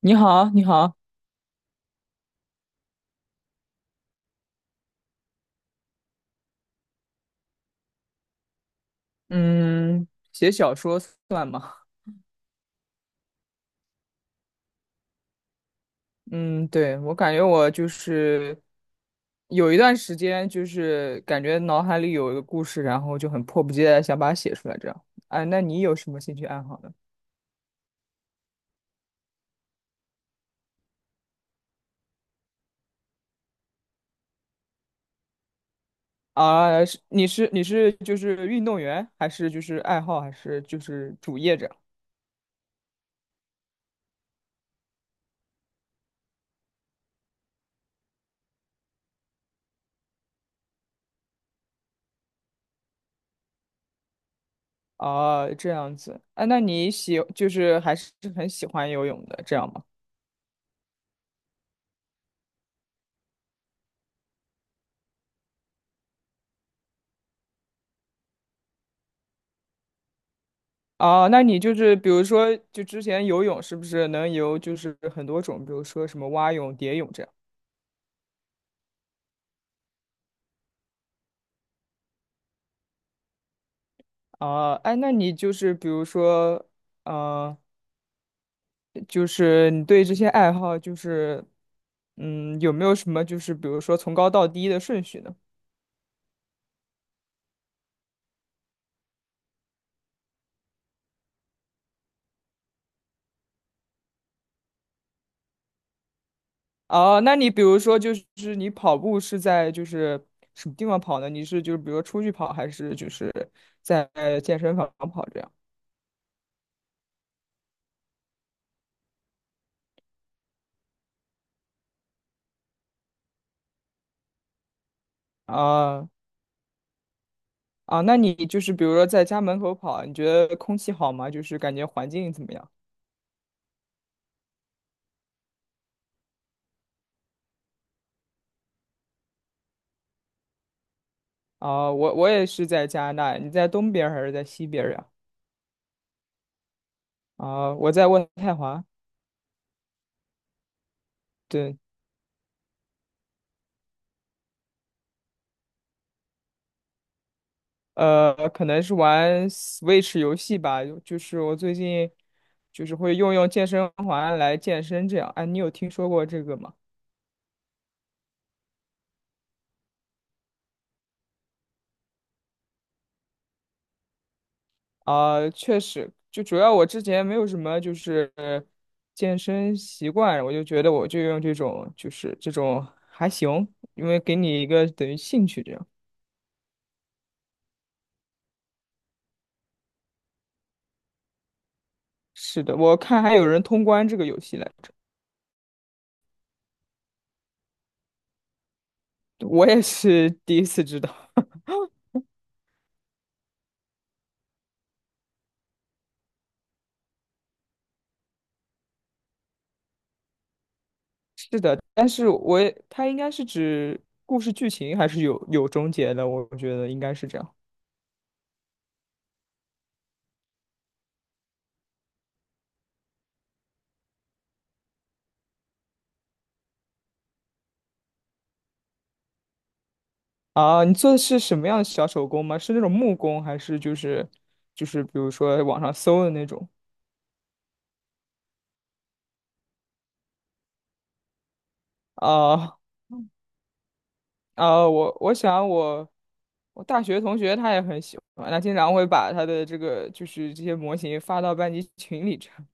你好，你好，嗯，写小说算吗？嗯，对，我感觉我就是有一段时间，就是感觉脑海里有一个故事，然后就很迫不及待地想把它写出来，这样。啊，那你有什么兴趣爱好呢？啊，是你是你是就是运动员，还是就是爱好，还是就是主业这样？啊，这样子。啊，那你喜就是还是很喜欢游泳的，这样吗？啊，那你就是比如说，就之前游泳是不是能游就是很多种，比如说什么蛙泳、蝶泳这样啊？哎，那你就是比如说，嗯，就是你对这些爱好就是，有没有什么就是比如说从高到低的顺序呢？哦，那你比如说就是你跑步是在就是什么地方跑呢？你是就是比如说出去跑，还是就是在健身房跑这样啊？哦啊，那你就是比如说在家门口跑，你觉得空气好吗？就是感觉环境怎么样？啊，我也是在加拿大，你在东边儿还是在西边儿呀？啊，我在渥太华，对，可能是玩 Switch 游戏吧，就是我最近就是会用用健身环来健身这样。哎，你有听说过这个吗？啊，确实，就主要我之前没有什么就是健身习惯，我就觉得我就用这种还行，因为给你一个等于兴趣这样。是的，我看还有人通关这个游戏来着，我也是 第一次知道。是的，但是我也它应该是指故事剧情还是有终结的，我觉得应该是这样。啊，你做的是什么样的小手工吗？是那种木工，还是就是比如说网上搜的那种？啊啊，我想我大学同学他也很喜欢，他经常会把他的这个就是这些模型发到班级群里这样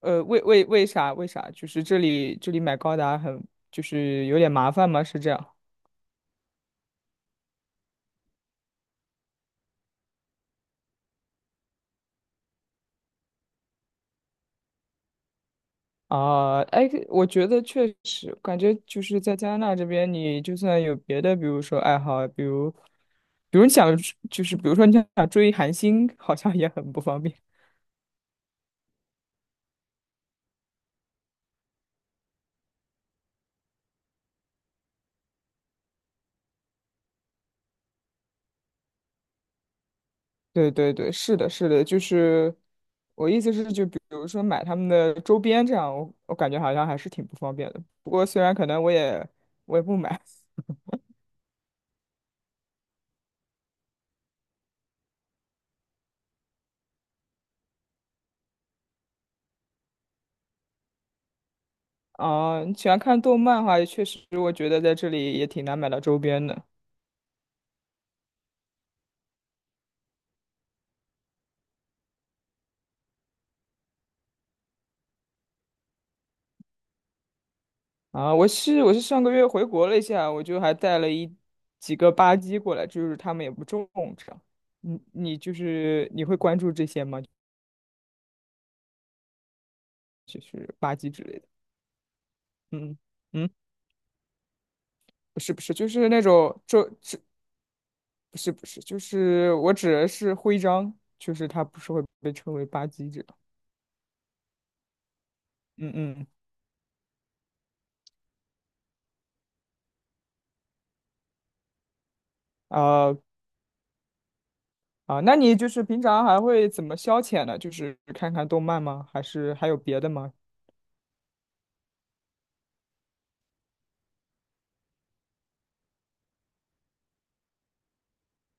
为啥？就是这里买高达很就是有点麻烦吗？是这样啊？哎，我觉得确实感觉就是在加拿大这边，你就算有别的，比如说爱好，比如你想比如说你想追韩星，好像也很不方便。对对对，是的，是的，就是我意思是，就比如说买他们的周边这样，我感觉好像还是挺不方便的。不过虽然可能我也不买啊，你喜欢看动漫的话，确实我觉得在这里也挺难买到周边的啊。我是上个月回国了一下，我就还带了几个吧唧过来，就是他们也不重这样你你就是你会关注这些吗？就是吧唧之类的，嗯嗯。不是不是，就是那种不是不是，就是我指的是徽章，就是它不是会被称为吧唧这样。嗯嗯，啊啊，那你就是平常还会怎么消遣呢？就是看看动漫吗？还是还有别的吗？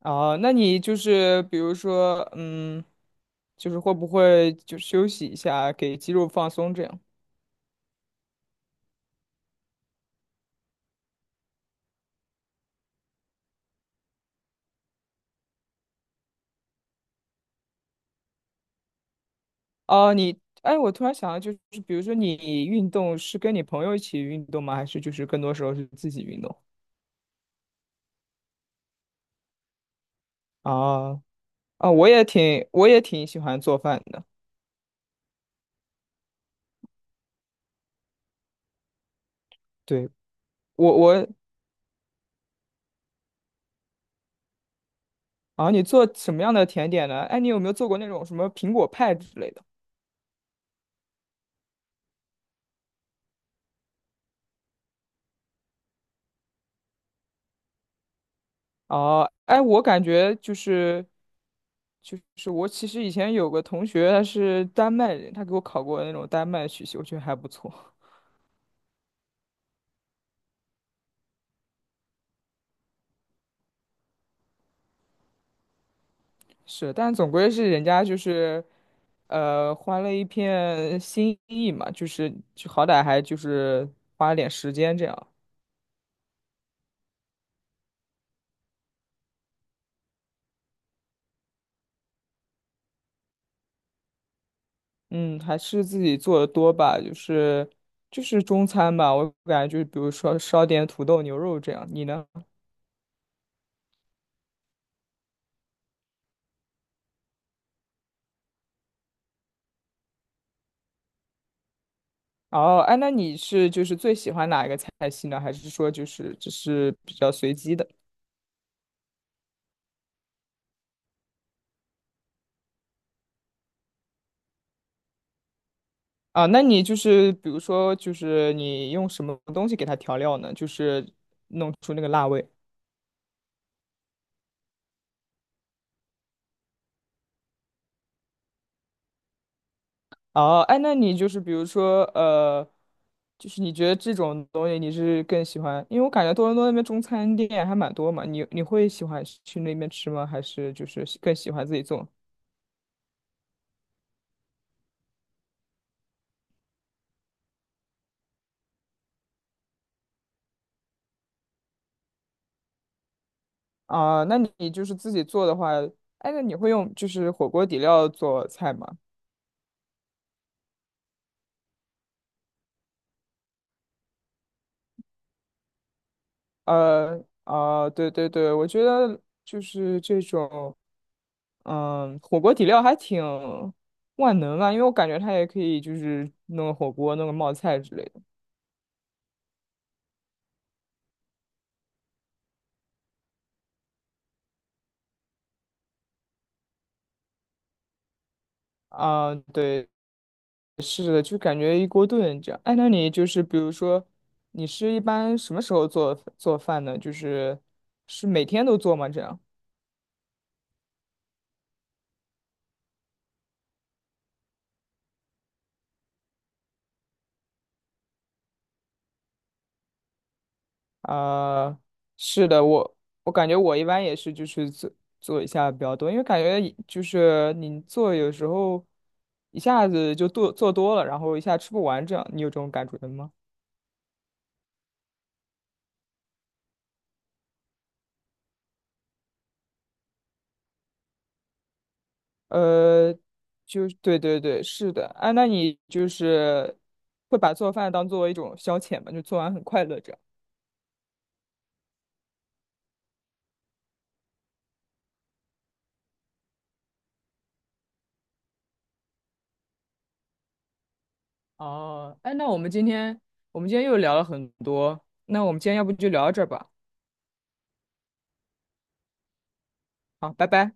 啊，那你就是比如说，就是会不会就休息一下，给肌肉放松这样？哦，你，哎，我突然想到，就是比如说你运动是跟你朋友一起运动吗？还是就是更多时候是自己运动？啊啊，我也挺喜欢做饭的。对，我我啊，你做什么样的甜点呢？哎，你有没有做过那种什么苹果派之类的？哦，哎，我感觉就是我其实以前有个同学，他是丹麦人，他给我考过那种丹麦曲奇，我觉得还不错。是，但总归是人家就是花了一片心意嘛，就是就好歹还就是花了点时间这样。嗯，还是自己做的多吧，就是中餐吧，我感觉就是比如说烧点土豆牛肉这样。你呢？哦，哎，那你是就是最喜欢哪一个菜系呢？还是说就是只是比较随机的啊？那你就是比如说就是你用什么东西给它调料呢？就是弄出那个辣味。哦，哎，那你就是比如说，就是你觉得这种东西你是更喜欢？因为我感觉多伦多那边中餐店还蛮多嘛，你会喜欢去那边吃吗？还是就是更喜欢自己做？啊、那你就是自己做的话，哎，那你会用就是火锅底料做菜吗？啊、对对对，我觉得就是这种，火锅底料还挺万能啊，因为我感觉它也可以就是弄个火锅、弄个冒菜之类的。啊、对是的，就感觉一锅炖这样。哎，那你就是比如说，你是一般什么时候做做饭呢？就是是每天都做吗？这样？啊、是的，我感觉我一般也是就是做做一下比较多，因为感觉就是你做有时候一下子就做多了，然后一下吃不完这样，你有这种感觉吗？呃，就是对对对，是的。哎、那你就是会把做饭当做一种消遣吗？就做完很快乐这样。哦，哎，那我们今天又聊了很多，那我们今天要不就聊到这儿吧？好，拜拜。